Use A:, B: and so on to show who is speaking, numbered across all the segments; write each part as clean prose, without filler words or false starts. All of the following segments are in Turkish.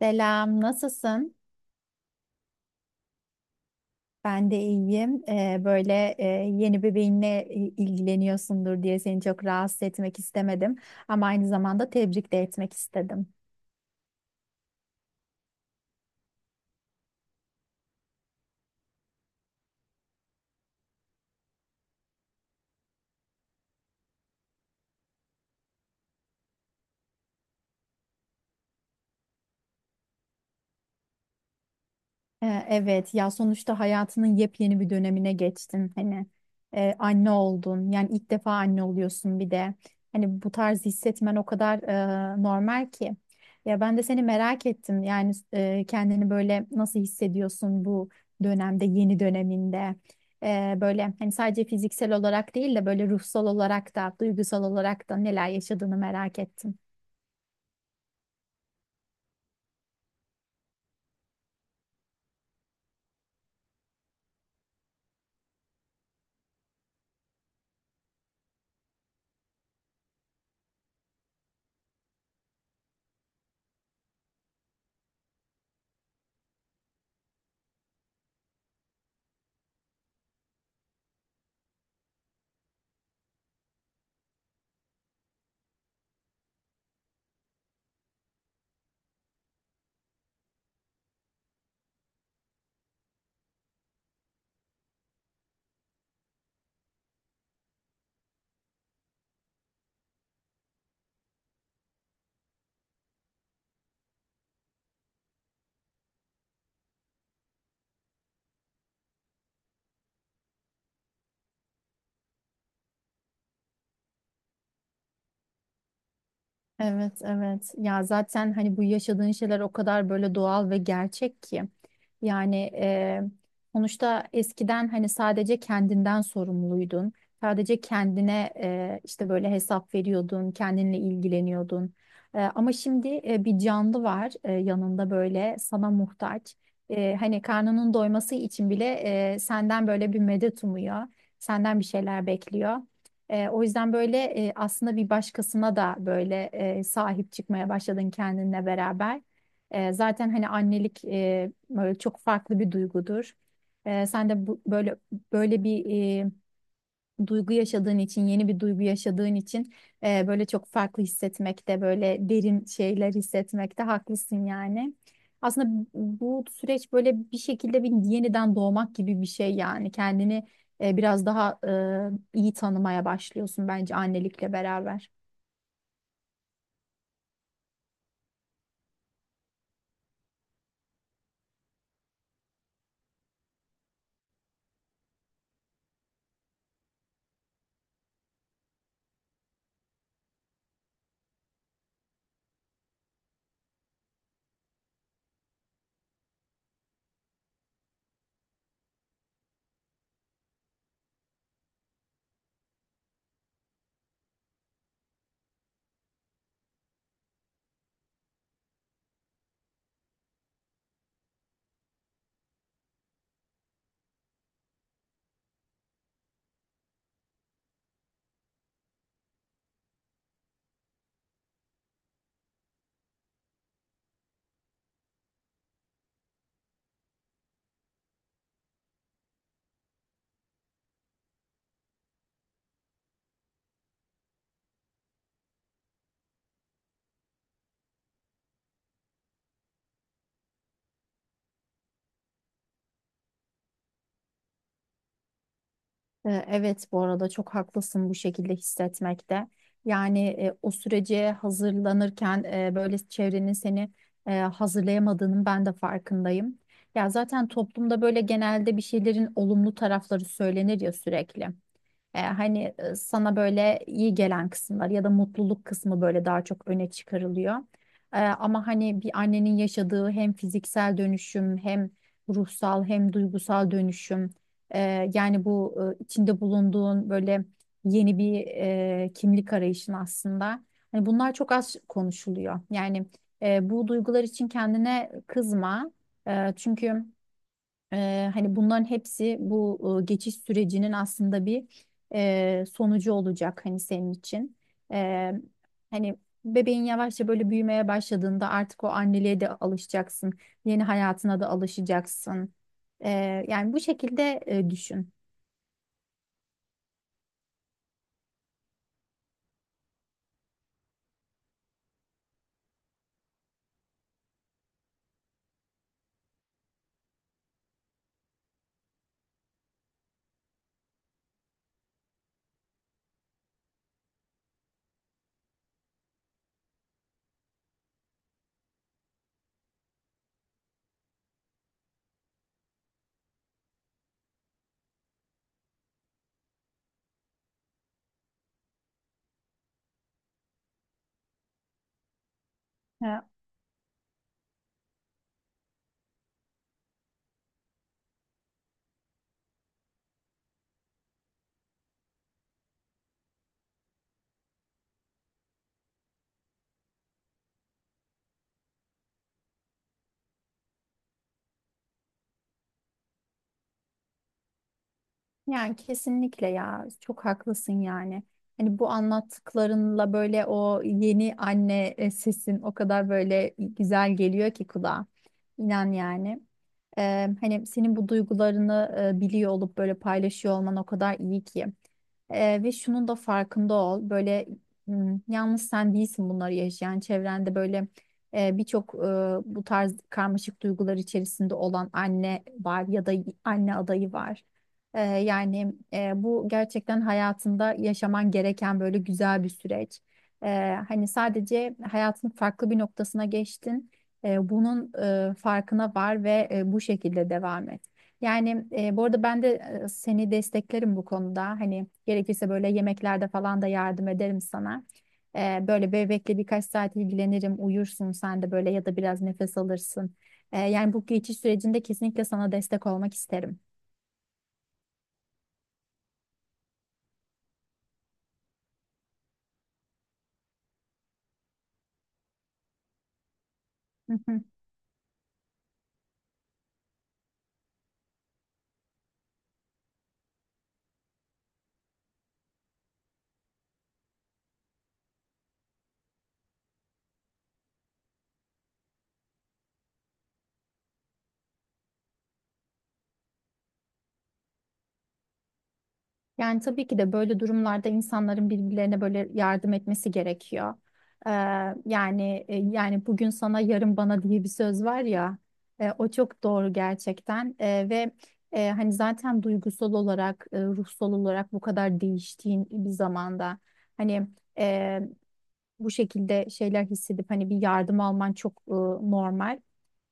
A: Selam, nasılsın? Ben de iyiyim. Yeni bebeğinle ilgileniyorsundur diye seni çok rahatsız etmek istemedim. Ama aynı zamanda tebrik de etmek istedim. Evet, ya sonuçta hayatının yepyeni bir dönemine geçtin hani anne oldun, yani ilk defa anne oluyorsun. Bir de hani bu tarz hissetmen o kadar normal ki. Ya ben de seni merak ettim, yani kendini böyle nasıl hissediyorsun bu dönemde, yeni döneminde? Böyle hani sadece fiziksel olarak değil de böyle ruhsal olarak da, duygusal olarak da neler yaşadığını merak ettim. Evet, evet. Ya zaten hani bu yaşadığın şeyler o kadar böyle doğal ve gerçek ki. Yani, sonuçta eskiden hani sadece kendinden sorumluydun. Sadece kendine işte böyle hesap veriyordun, kendinle ilgileniyordun. Ama şimdi bir canlı var, yanında böyle sana muhtaç. Hani karnının doyması için bile senden böyle bir medet umuyor. Senden bir şeyler bekliyor. O yüzden böyle aslında bir başkasına da böyle sahip çıkmaya başladın kendinle beraber. Zaten hani annelik böyle çok farklı bir duygudur. Sen de bu, böyle böyle bir duygu yaşadığın için, yeni bir duygu yaşadığın için böyle çok farklı hissetmekte, böyle derin şeyler hissetmekte haklısın yani. Aslında bu süreç böyle bir şekilde bir yeniden doğmak gibi bir şey yani. Kendini biraz daha iyi tanımaya başlıyorsun bence annelikle beraber. Evet, bu arada çok haklısın bu şekilde hissetmekte. Yani, o sürece hazırlanırken böyle çevrenin seni hazırlayamadığının ben de farkındayım. Ya zaten toplumda böyle genelde bir şeylerin olumlu tarafları söylenir ya sürekli. Hani sana böyle iyi gelen kısımlar ya da mutluluk kısmı böyle daha çok öne çıkarılıyor. Ama hani bir annenin yaşadığı hem fiziksel dönüşüm, hem ruhsal, hem duygusal dönüşüm, yani bu içinde bulunduğun böyle yeni bir kimlik arayışın aslında. Hani bunlar çok az konuşuluyor. Yani, bu duygular için kendine kızma. Çünkü hani bunların hepsi bu geçiş sürecinin aslında bir sonucu olacak hani senin için. Eee, Hani bebeğin yavaşça böyle büyümeye başladığında artık o anneliğe de alışacaksın. Yeni hayatına da alışacaksın. Yani bu şekilde düşün. Yani kesinlikle ya, çok haklısın yani. Hani bu anlattıklarınla böyle o yeni anne sesin o kadar böyle güzel geliyor ki kulağa. İnan yani. Hani senin bu duygularını biliyor olup böyle paylaşıyor olman o kadar iyi ki. Ve şunun da farkında ol. Böyle, yalnız sen değilsin bunları yaşayan. Çevrende böyle birçok bu tarz karmaşık duygular içerisinde olan anne var ya da anne adayı var. Yani, bu gerçekten hayatında yaşaman gereken böyle güzel bir süreç. Hani sadece hayatın farklı bir noktasına geçtin. Bunun farkına var ve bu şekilde devam et. Yani, bu arada ben de seni desteklerim bu konuda. Hani gerekirse böyle yemeklerde falan da yardım ederim sana. Böyle bebekle birkaç saat ilgilenirim, uyursun sen de böyle, ya da biraz nefes alırsın. Yani, bu geçiş sürecinde kesinlikle sana destek olmak isterim. Yani tabii ki de böyle durumlarda insanların birbirlerine böyle yardım etmesi gerekiyor. Ee, Yani bugün sana, yarın bana diye bir söz var ya, o çok doğru gerçekten. Ve hani zaten duygusal olarak, ruhsal olarak bu kadar değiştiğin bir zamanda hani e, bu şekilde şeyler hissedip hani bir yardım alman çok normal.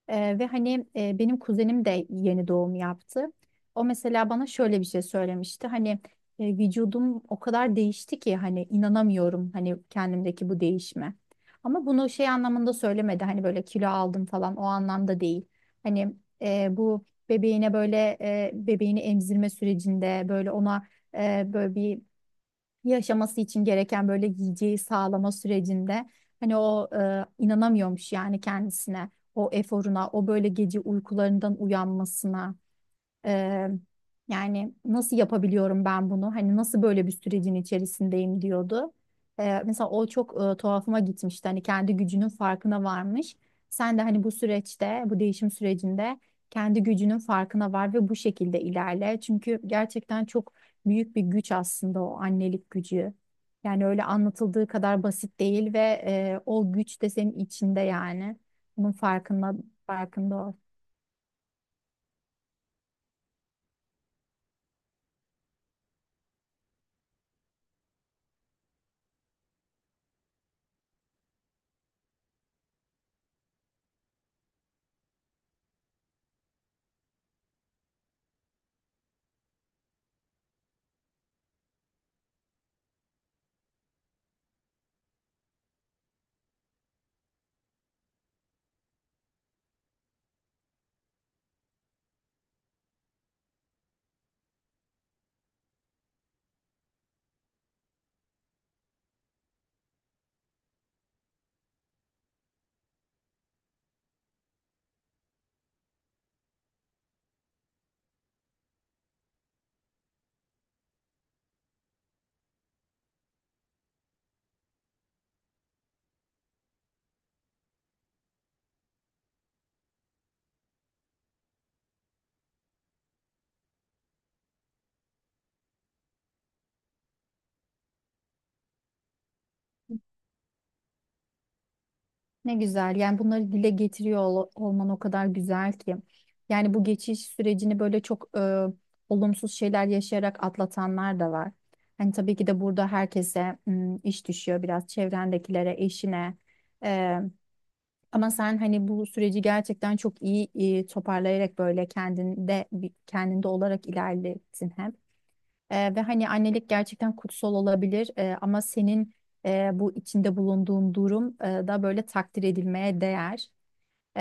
A: Ve hani benim kuzenim de yeni doğum yaptı. O mesela bana şöyle bir şey söylemişti. Hani, vücudum o kadar değişti ki hani inanamıyorum hani kendimdeki bu değişme. Ama bunu şey anlamında söylemedi. Hani böyle kilo aldım falan, o anlamda değil. Hani bu bebeğine böyle bebeğini emzirme sürecinde böyle ona böyle bir yaşaması için gereken böyle yiyeceği sağlama sürecinde hani o inanamıyormuş yani kendisine, o eforuna, o böyle gece uykularından uyanmasına. Ee, Yani nasıl yapabiliyorum ben bunu? Hani nasıl böyle bir sürecin içerisindeyim, diyordu. Mesela o çok tuhafıma gitmişti. Hani kendi gücünün farkına varmış. Sen de hani bu süreçte, bu değişim sürecinde kendi gücünün farkına var ve bu şekilde ilerle. Çünkü gerçekten çok büyük bir güç aslında o annelik gücü. Yani öyle anlatıldığı kadar basit değil ve o güç de senin içinde yani. Bunun farkında ol. Ne güzel. Yani bunları dile getiriyor olman o kadar güzel ki. Yani bu geçiş sürecini böyle çok olumsuz şeyler yaşayarak atlatanlar da var. Hani tabii ki de burada herkese iş düşüyor, biraz çevrendekilere, eşine. E, Ama sen hani bu süreci gerçekten çok iyi toparlayarak böyle kendinde kendinde olarak ilerlettin hem. Ve hani annelik gerçekten kutsal olabilir. Ama senin, bu içinde bulunduğun durum da böyle takdir edilmeye değer. Ee,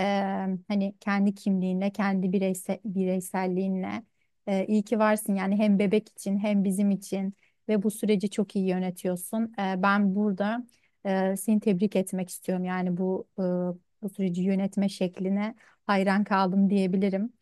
A: Hani kendi kimliğinle, kendi bireyselliğinle iyi ki varsın yani, hem bebek için hem bizim için, ve bu süreci çok iyi yönetiyorsun. Ben burada seni tebrik etmek istiyorum yani. Bu bu süreci yönetme şekline hayran kaldım diyebilirim.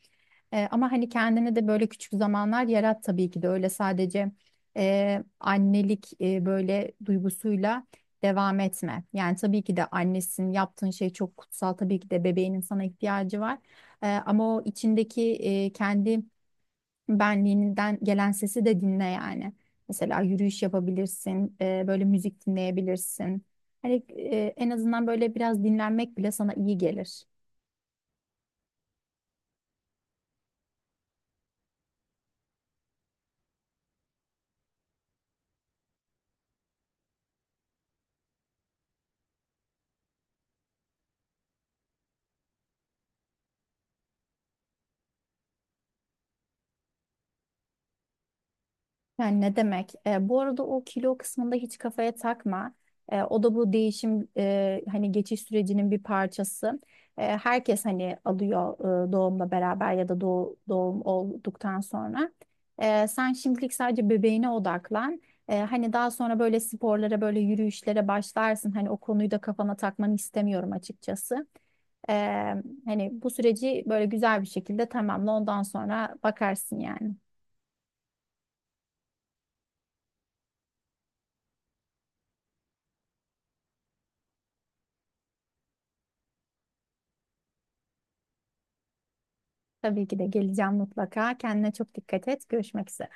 A: Ama hani kendine de böyle küçük zamanlar yarat, tabii ki de, öyle sadece annelik böyle duygusuyla devam etme. Yani tabii ki de annesin, yaptığın şey çok kutsal, tabii ki de bebeğinin sana ihtiyacı var. Ama o içindeki kendi benliğinden gelen sesi de dinle yani. Mesela yürüyüş yapabilirsin, böyle müzik dinleyebilirsin. Hani en azından böyle biraz dinlenmek bile sana iyi gelir. Yani ne demek? Bu arada o kilo kısmında hiç kafaya takma. O da bu değişim, hani geçiş sürecinin bir parçası. Herkes hani alıyor doğumla beraber ya da doğum olduktan sonra. Sen şimdilik sadece bebeğine odaklan. Hani daha sonra böyle sporlara, böyle yürüyüşlere başlarsın. Hani o konuyu da kafana takmanı istemiyorum açıkçası. E, Hani bu süreci böyle güzel bir şekilde tamamla. Ondan sonra bakarsın yani. Tabii ki de geleceğim mutlaka. Kendine çok dikkat et. Görüşmek üzere.